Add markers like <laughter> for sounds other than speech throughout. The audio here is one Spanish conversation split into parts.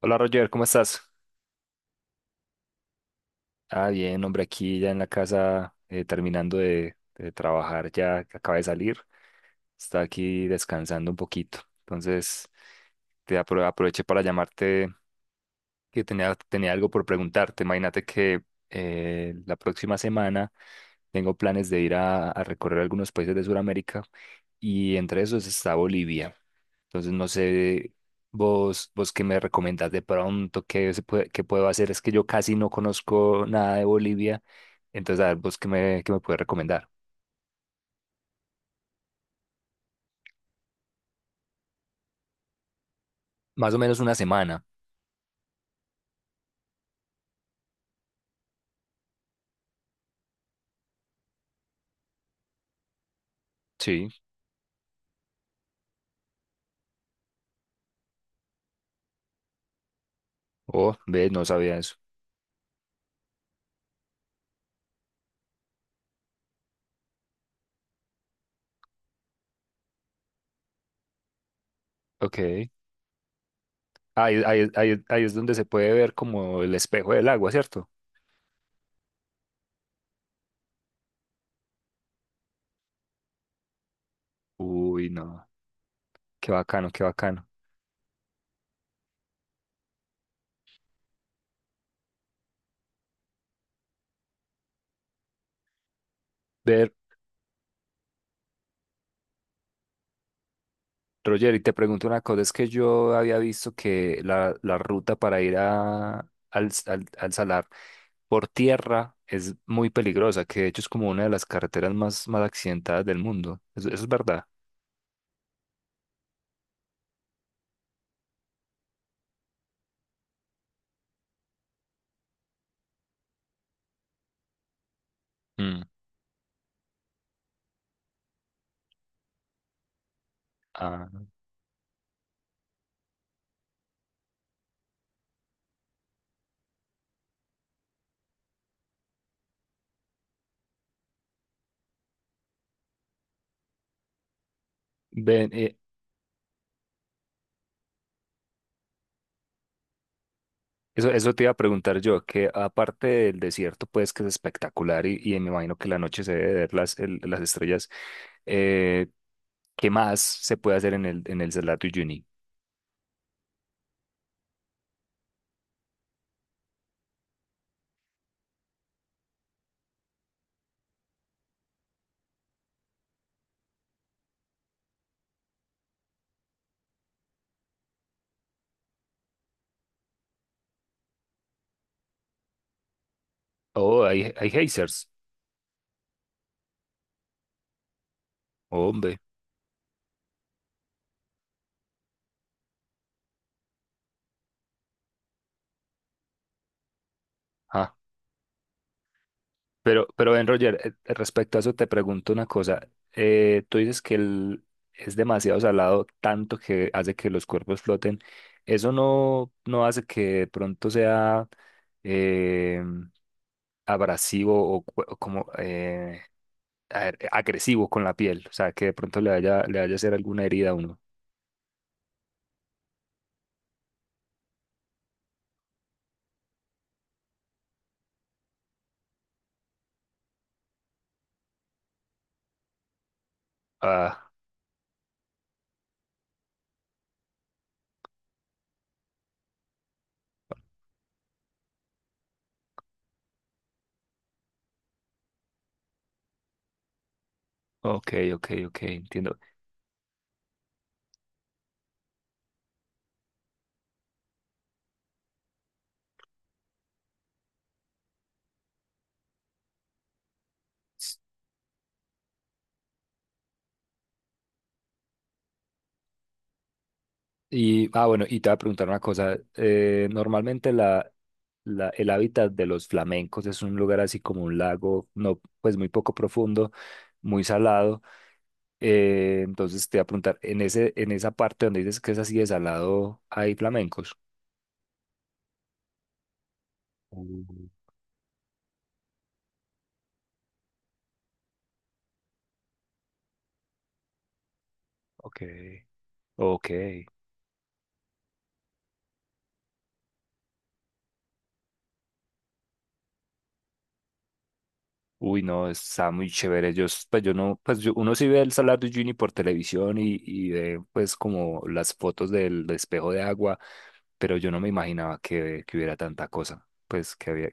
Hola Roger, ¿cómo estás? Ah, bien, hombre, aquí ya en la casa terminando de trabajar, ya que acabé de salir, está aquí descansando un poquito. Entonces, aproveché para llamarte que tenía algo por preguntarte. Imagínate que la próxima semana tengo planes de ir a recorrer algunos países de Sudamérica y entre esos está Bolivia. Entonces no sé vos qué me recomendás de pronto, qué, se puede, qué puedo hacer. Es que yo casi no conozco nada de Bolivia. Entonces a ver vos qué me puedes recomendar. Más o menos 1 semana. Sí. Oh, ve, no sabía eso. Ok. Ahí es donde se puede ver como el espejo del agua, ¿cierto? Uy, no, qué bacano, qué bacano. Ver, Roger, y te pregunto una cosa, es que yo había visto que la ruta para ir a, al Salar por tierra es muy peligrosa, que de hecho es como una de las carreteras más accidentadas del mundo. Eso es verdad? Mm. Ah, ven, eso te iba a preguntar yo, que aparte del desierto, pues que es espectacular y me imagino que la noche se debe ver las estrellas, eh, ¿qué más se puede hacer en en el Salar de Uyuni? Oh, hay hazers. Hombre. Ah, pero Ben Roger, respecto a eso te pregunto una cosa. Tú dices que el, es demasiado salado, tanto que hace que los cuerpos floten. ¿Eso no hace que de pronto sea eh, abrasivo o, cu- o como a ver, agresivo con la piel? O sea, que de pronto le vaya a hacer alguna herida a uno. Ah, ok, ok, ok, entiendo. Y, ah, bueno, y te voy a preguntar una cosa. Normalmente el hábitat de los flamencos es un lugar así como un lago, no, pues muy poco profundo, muy salado. Entonces te voy a preguntar, en esa parte donde dices que es así de salado, ¿hay flamencos? Mm, ok, ok. Uy, no, está muy chévere. Yo, s- pues yo no, pues yo- Uno sí ve el Salar de Uyuni por televisión y ve pues como las fotos del espejo de agua, pero yo no me imaginaba que hubiera tanta cosa. Pues que había,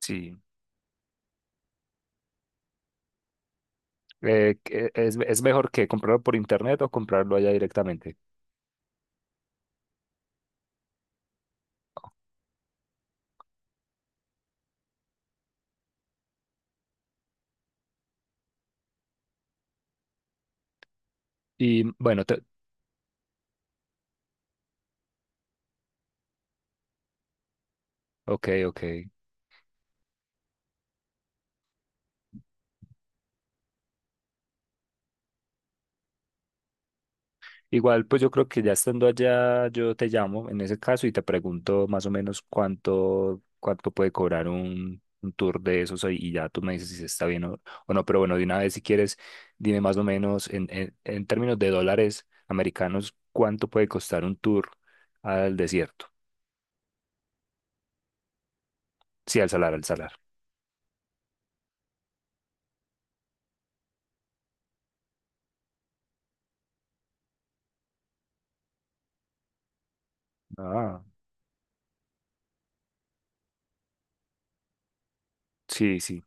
sí. Que es mejor que comprarlo por internet o comprarlo allá directamente? Y bueno, te- ok, ok. Igual, pues yo creo que ya estando allá, yo te llamo en ese caso y te pregunto más o menos cuánto puede cobrar un tour de esos ahí, y ya tú me dices si está bien o no. Pero bueno, de una vez, si quieres, dime más o menos en términos de dólares americanos, cuánto puede costar un tour al desierto. Sí, al salar, al salar. Ah, sí, sí.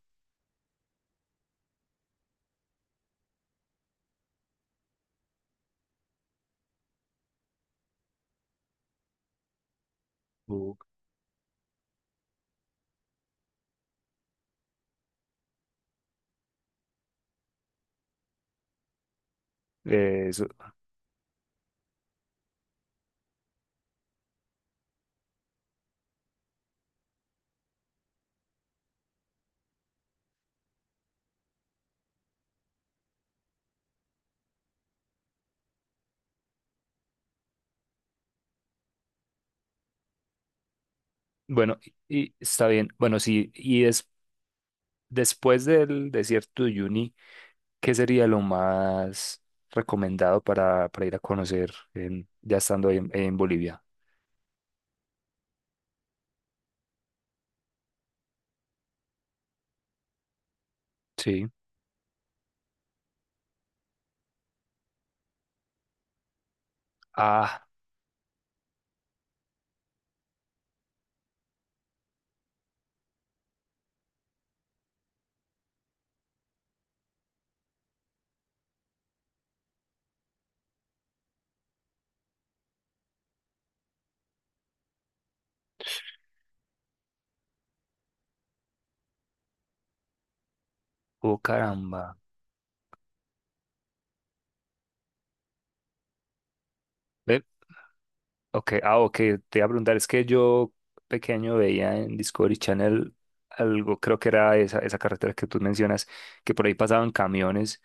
Uh, eso. Bueno, y está bien. Bueno, sí, y es, después del desierto de Uyuni. ¿Qué sería lo más recomendado para ir a conocer en- ya estando ahí en Bolivia? Sí. Ah, oh caramba. Ve, ok, ok, te iba a preguntar, es que yo pequeño veía en Discovery Channel algo, creo que era esa, esa carretera que tú mencionas, que por ahí pasaban camiones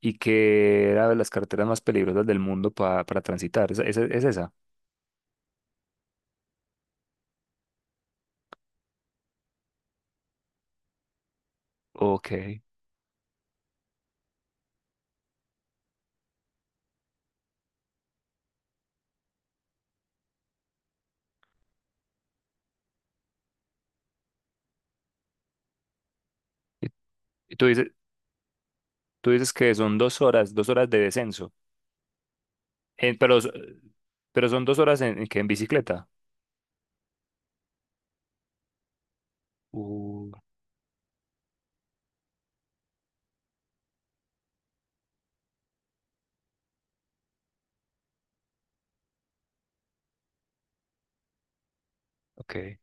y que era de las carreteras más peligrosas del mundo pa- para transitar. Es esa? Ok. Y tú dices que son 2 horas, 2 horas de descenso. En- pero, s- pero son dos horas en que en bicicleta. Uh, ok.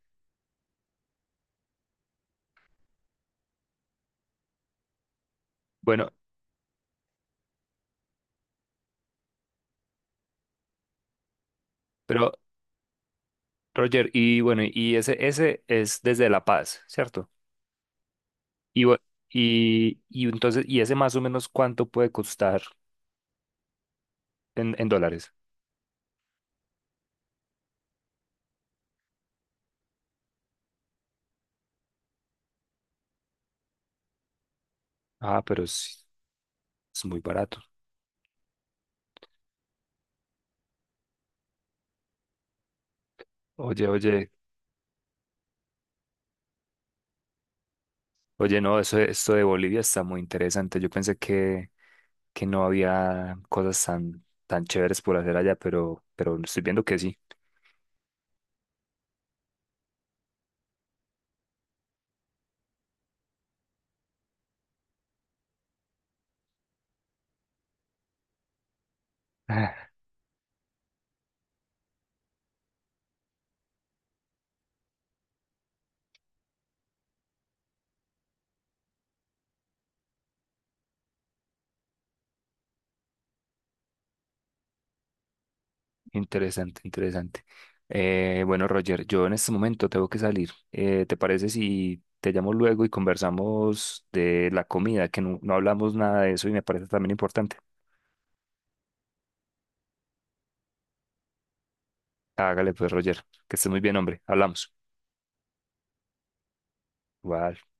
Bueno, pero Roger, y bueno, y ese es desde La Paz, ¿cierto? Y, bu- y entonces, ¿y ese más o menos cuánto puede costar en dólares? Ah, pero es muy barato. Oye, oye, oye, no, eso, esto de Bolivia está muy interesante. Yo pensé que no había cosas tan, tan chéveres por hacer allá, pero estoy viendo que sí. <laughs> Interesante, interesante. Bueno, Roger, yo en este momento tengo que salir. ¿Te parece si te llamo luego y conversamos de la comida? Que no, no hablamos nada de eso y me parece también importante. Hágale pues, Roger, que estés muy bien, hombre. Hablamos. Igual.